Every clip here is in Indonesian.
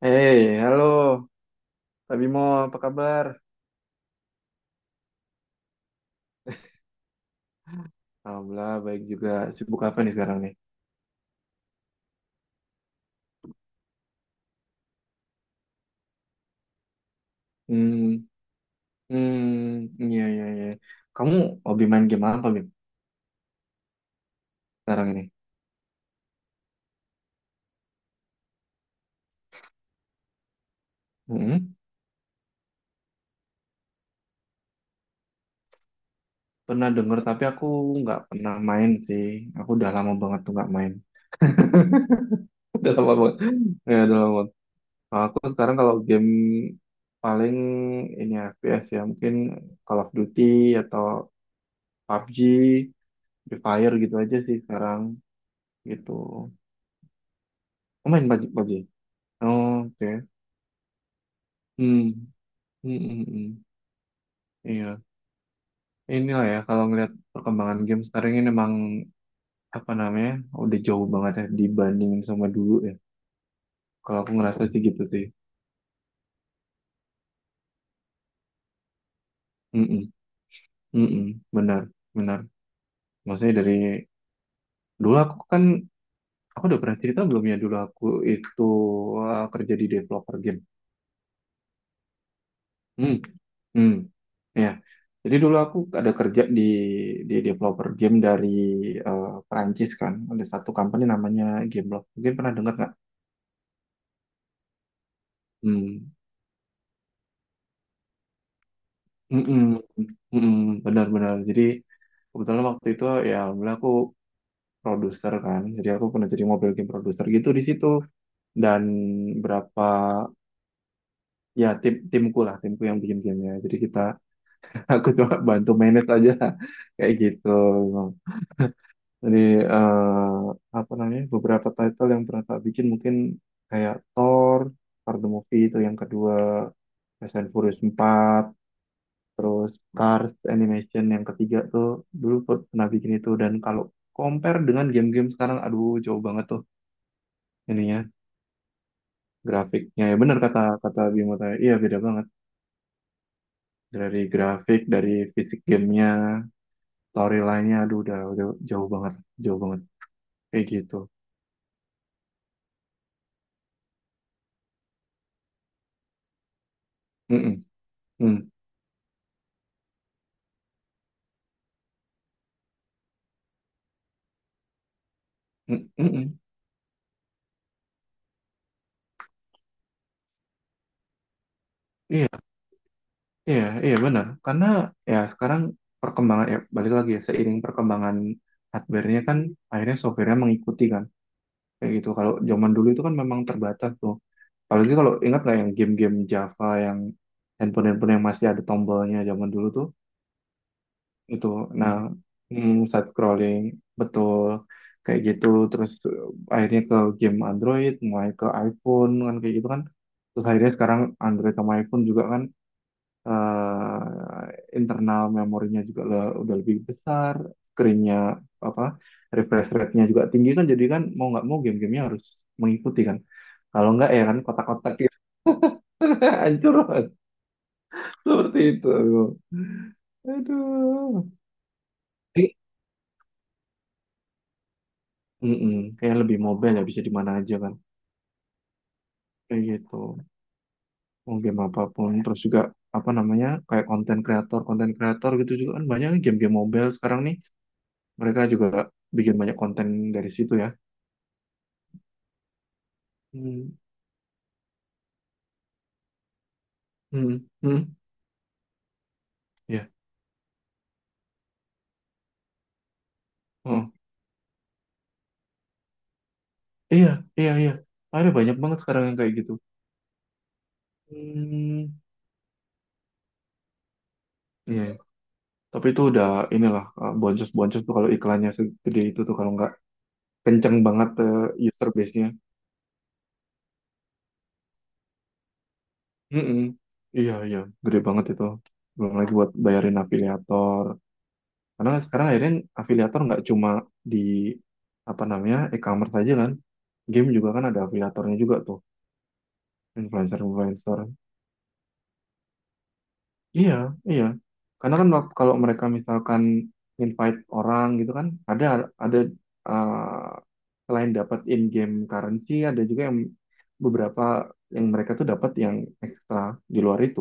Hey, halo, Pak, apa kabar? Alhamdulillah, baik juga. Sibuk apa nih sekarang nih? Hmm, hmm, iya, iya, iya. Kamu hobi main game apa, Bim, sekarang ini? Hmm, pernah denger, tapi aku nggak pernah main sih. Aku udah lama banget tuh nggak main. Udah lama banget. Ya, udah lama banget. Nah, aku sekarang kalau game paling ini FPS ya, mungkin Call of Duty atau PUBG, Free Fire gitu aja sih sekarang, gitu. Kamu main PUBG? Oh, oke. Hmm. Hmm, hmm, hmm. Iya. Inilah ya, kalau ngelihat perkembangan game sekarang ini emang apa namanya udah jauh banget ya dibandingin sama dulu ya. Kalau aku ngerasa sih gitu sih. Hmm. Hmm. Hmm, hmm. Benar. Benar. Maksudnya dari dulu aku kan, aku udah pernah cerita belum ya dulu aku itu kerja di developer game. Hmm, ya. Jadi dulu aku ada kerja di developer game dari Perancis kan. Ada satu company namanya Gameloft. Mungkin pernah dengar nggak? Hmm, mm-mm, mm-mm, benar-benar. Jadi kebetulan waktu itu ya, alhamdulillah, aku produser kan. Jadi aku pernah jadi mobile game produser gitu di situ. Dan berapa ya, timku lah, timku yang bikin gamenya. Jadi kita aku coba bantu manage aja, kayak gitu. Jadi eh, apa namanya, beberapa title yang pernah tak bikin mungkin kayak Thor, Thor the Movie itu yang kedua, Fast and Furious 4, terus Cars Animation yang ketiga tuh dulu pernah bikin itu, dan kalau compare dengan game-game sekarang, aduh, jauh banget tuh ininya, grafiknya, ya benar kata kata Bimo tadi, iya, beda banget dari grafik, dari fisik gamenya, storyline-nya, aduh, udah jauh banget, jauh banget, kayak gitu. Mm -mm, mm, mm, mm, mm. Iya, iya, iya, benar. Karena ya sekarang perkembangan ya balik lagi ya, seiring perkembangan hardware-nya kan, akhirnya software-nya mengikuti kan. Kayak gitu. Kalau zaman dulu itu kan memang terbatas tuh. Apalagi kalau ingat nggak yang game-game Java yang handphone-handphone yang masih ada tombolnya zaman dulu tuh itu. Nah, hmm, side scrolling, betul, kayak gitu. Terus akhirnya ke game Android, mulai ke iPhone kan, kayak gitu kan. Terus akhirnya sekarang Android sama iPhone juga kan, eh, internal memorinya juga udah lebih besar, screen-nya, apa, refresh rate-nya juga tinggi kan, jadi kan mau nggak mau game-gamenya harus mengikuti kan. Kalau nggak ya kan kotak-kotak gitu, hancur Mas. Seperti itu. Aduh. Jadi, mm-mm, kayak lebih mobile ya, bisa di mana aja kan. Kayak gitu. Mau game apapun, terus juga apa namanya, kayak konten kreator, konten kreator gitu juga kan, banyak nih game-game mobile sekarang nih, mereka juga bikin banyak konten dari situ ya. Hmm. Hmm, hmm, ya. Oh, iya, iya, iya. Ada banyak banget sekarang yang kayak gitu. Hmm, iya. Iya. Tapi itu udah inilah, boncos-boncos tuh kalau iklannya segede itu tuh, kalau nggak kenceng banget user base-nya. Mm-mm. Iya, iya, gede banget itu. Belum lagi buat bayarin afiliator. Karena sekarang akhirnya afiliator nggak cuma di apa namanya e-commerce aja kan. Game juga kan ada afiliatornya juga tuh, influencer-influencer. Iya, iya. Karena kan kalau mereka misalkan invite orang gitu kan, ada eh, selain dapat in-game currency, ada juga yang beberapa yang mereka tuh dapat yang ekstra di luar itu.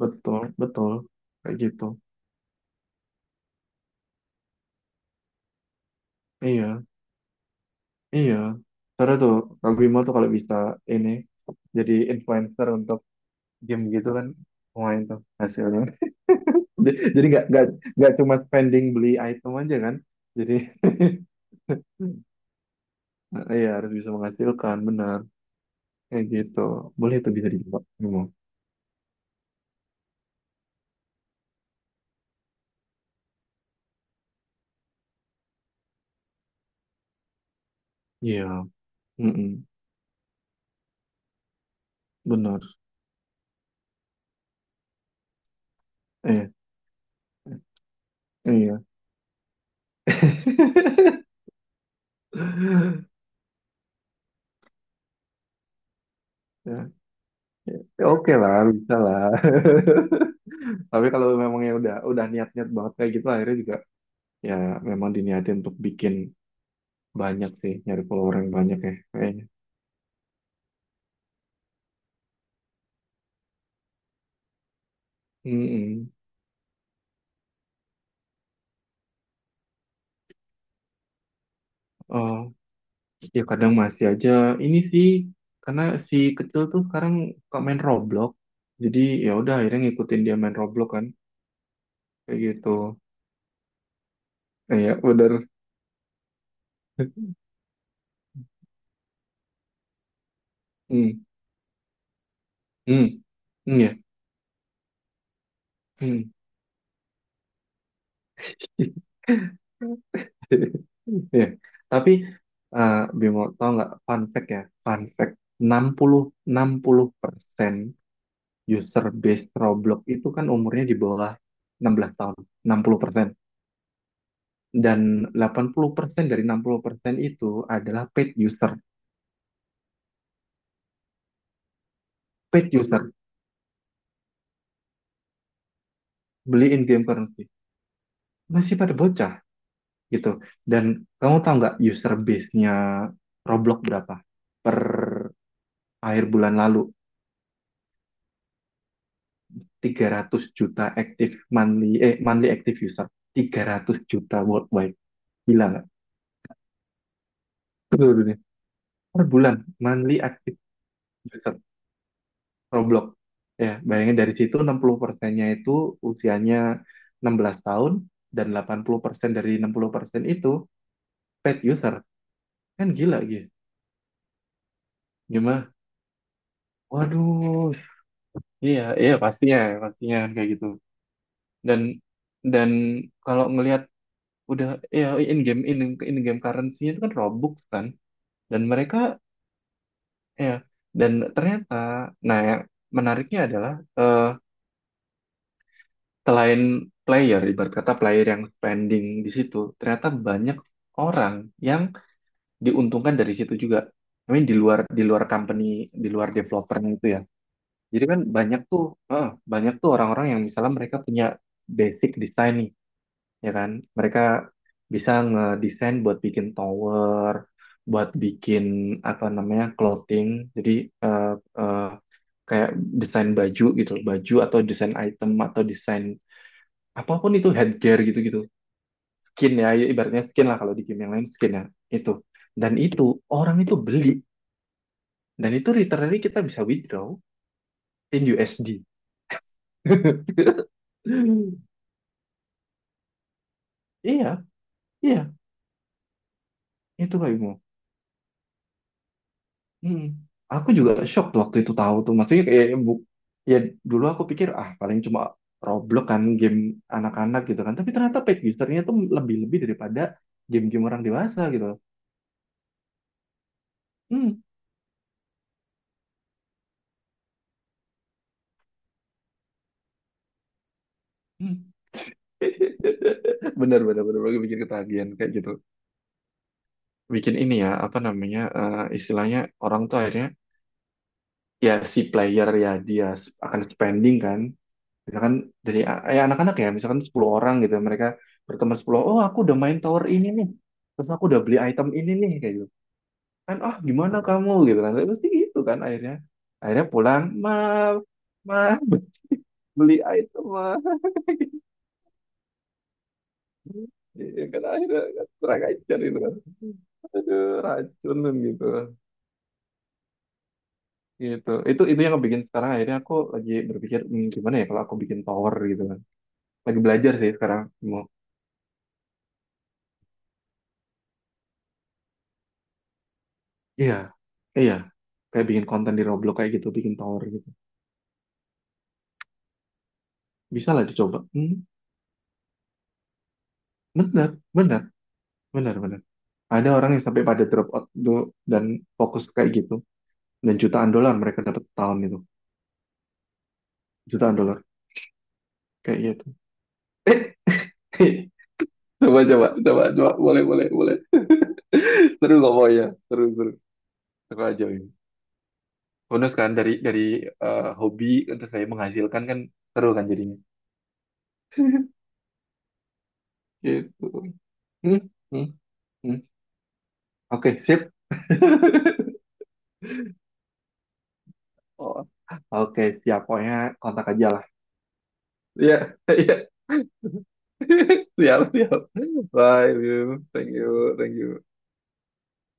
Betul, betul. Kayak gitu. Iya, iya. Seru tuh, Kak Bimo tuh kalau bisa ini jadi influencer untuk game gitu kan, lumayan tuh hasilnya. Jadi nggak cuma spending beli item aja kan. Jadi nah, iya harus bisa menghasilkan, benar, kayak gitu, boleh, itu bisa dicoba, memang, iya, mm, benar, eh iya. Ya, ya, oke lah, bisa lah, tapi kalau memang ya udah niat-niat banget kayak gitu akhirnya juga ya memang diniatin untuk bikin banyak sih, nyari follower yang banyak ya kayaknya, mm. Ya kadang masih aja ini sih, karena si kecil tuh sekarang suka main Roblox. Jadi ya udah akhirnya ngikutin dia main Roblox kan, kayak gitu. Eh, ya bener. Hmm, hmm, hmm, ya. Hmm. Ya. Tapi eh Bimo tau nggak fun fact ya? Fun fact, enam enam puluh persen user base Roblox itu kan umurnya di bawah 16 tahun, 60%. Dan 80% dari 60% itu adalah paid user. Paid user, beli in game currency, masih pada bocah gitu. Dan kamu tahu nggak user base-nya Roblox berapa per akhir bulan lalu? 300 juta active monthly active user, 300 juta worldwide, gila nggak, seluruh dunia per bulan, monthly active user Roblox. Ya bayangin, dari situ 60 persennya itu usianya 16 tahun, dan 80% dari 60 persen itu paid user, kan gila gitu. Gimana? Waduh. Iya, iya, pastinya, pastinya kan kayak gitu. Dan dan kalau ngelihat udah ya, in game in, in game currency-nya itu kan Robux kan. Dan mereka, ya, dan ternyata, nah, yang menariknya adalah eh, selain player, ibarat kata player yang spending di situ, ternyata banyak orang yang diuntungkan dari situ juga. I mean, di luar company, di luar developernya itu ya. Jadi kan eh, banyak tuh orang-orang yang misalnya mereka punya basic design, ya kan? Mereka bisa ngedesain buat bikin tower, buat bikin apa namanya clothing, jadi eh, eh, kayak desain baju gitu, baju, atau desain item, atau desain apapun, itu headgear gitu-gitu, skin ya, ya ibaratnya skin lah kalau di game yang lain, skin ya itu. Dan itu orang itu beli, dan itu literally kita bisa withdraw in USD. Iya, iya, itu Kak Bimo. Hmm. Aku juga shock tuh waktu itu tahu tuh. Maksudnya kayak ya dulu aku pikir, ah, paling cuma Roblox kan game anak-anak gitu kan. Tapi ternyata paid usernya tuh lebih-lebih daripada game-game orang dewasa gitu. Hmm. Hmm. Bener, bener, bener. Lagi bikin ketagihan kayak gitu. Bikin ini ya, apa namanya, istilahnya orang tuh akhirnya, ya si player ya dia akan spending kan. Misalkan dari ya anak-anak ya, misalkan 10 orang gitu. Mereka berteman 10, oh, aku udah main tower ini nih. Terus aku udah beli item ini nih, kayak gitu. Kan, oh gimana kamu gitu kan, tapi pasti gitu kan, akhirnya akhirnya pulang, ma, ma, beli item ma. Iya kan akhirnya kan, kurang ajar gitu kan, aduh racun gitu, gitu itu yang bikin sekarang akhirnya aku lagi berpikir, "Hmm, gimana ya kalau aku bikin tower gitu kan, lagi belajar sih sekarang, mau..." Iya, iya, kayak bikin konten di Roblox kayak gitu, bikin tower gitu. Bisa lah dicoba. Hmm, benar, benar, benar, benar. Ada orang yang sampai pada drop out tuh dan fokus kayak gitu. Dan jutaan dolar mereka dapat tahun itu. Jutaan dolar, kayak gitu. Coba, coba, coba, coba, boleh, boleh, boleh. Seru kok pokoknya. Seru, seru. Seru aja ini. Bonus kan dari hobi untuk saya menghasilkan kan, seru kan jadinya. Gitu. Hmm, hmm, hmm. Oke, sip. Oh, oke, siap. Pokoknya kontak aja lah. Iya, iya. Siap, siap. Bye, Bim. Thank you, thank you.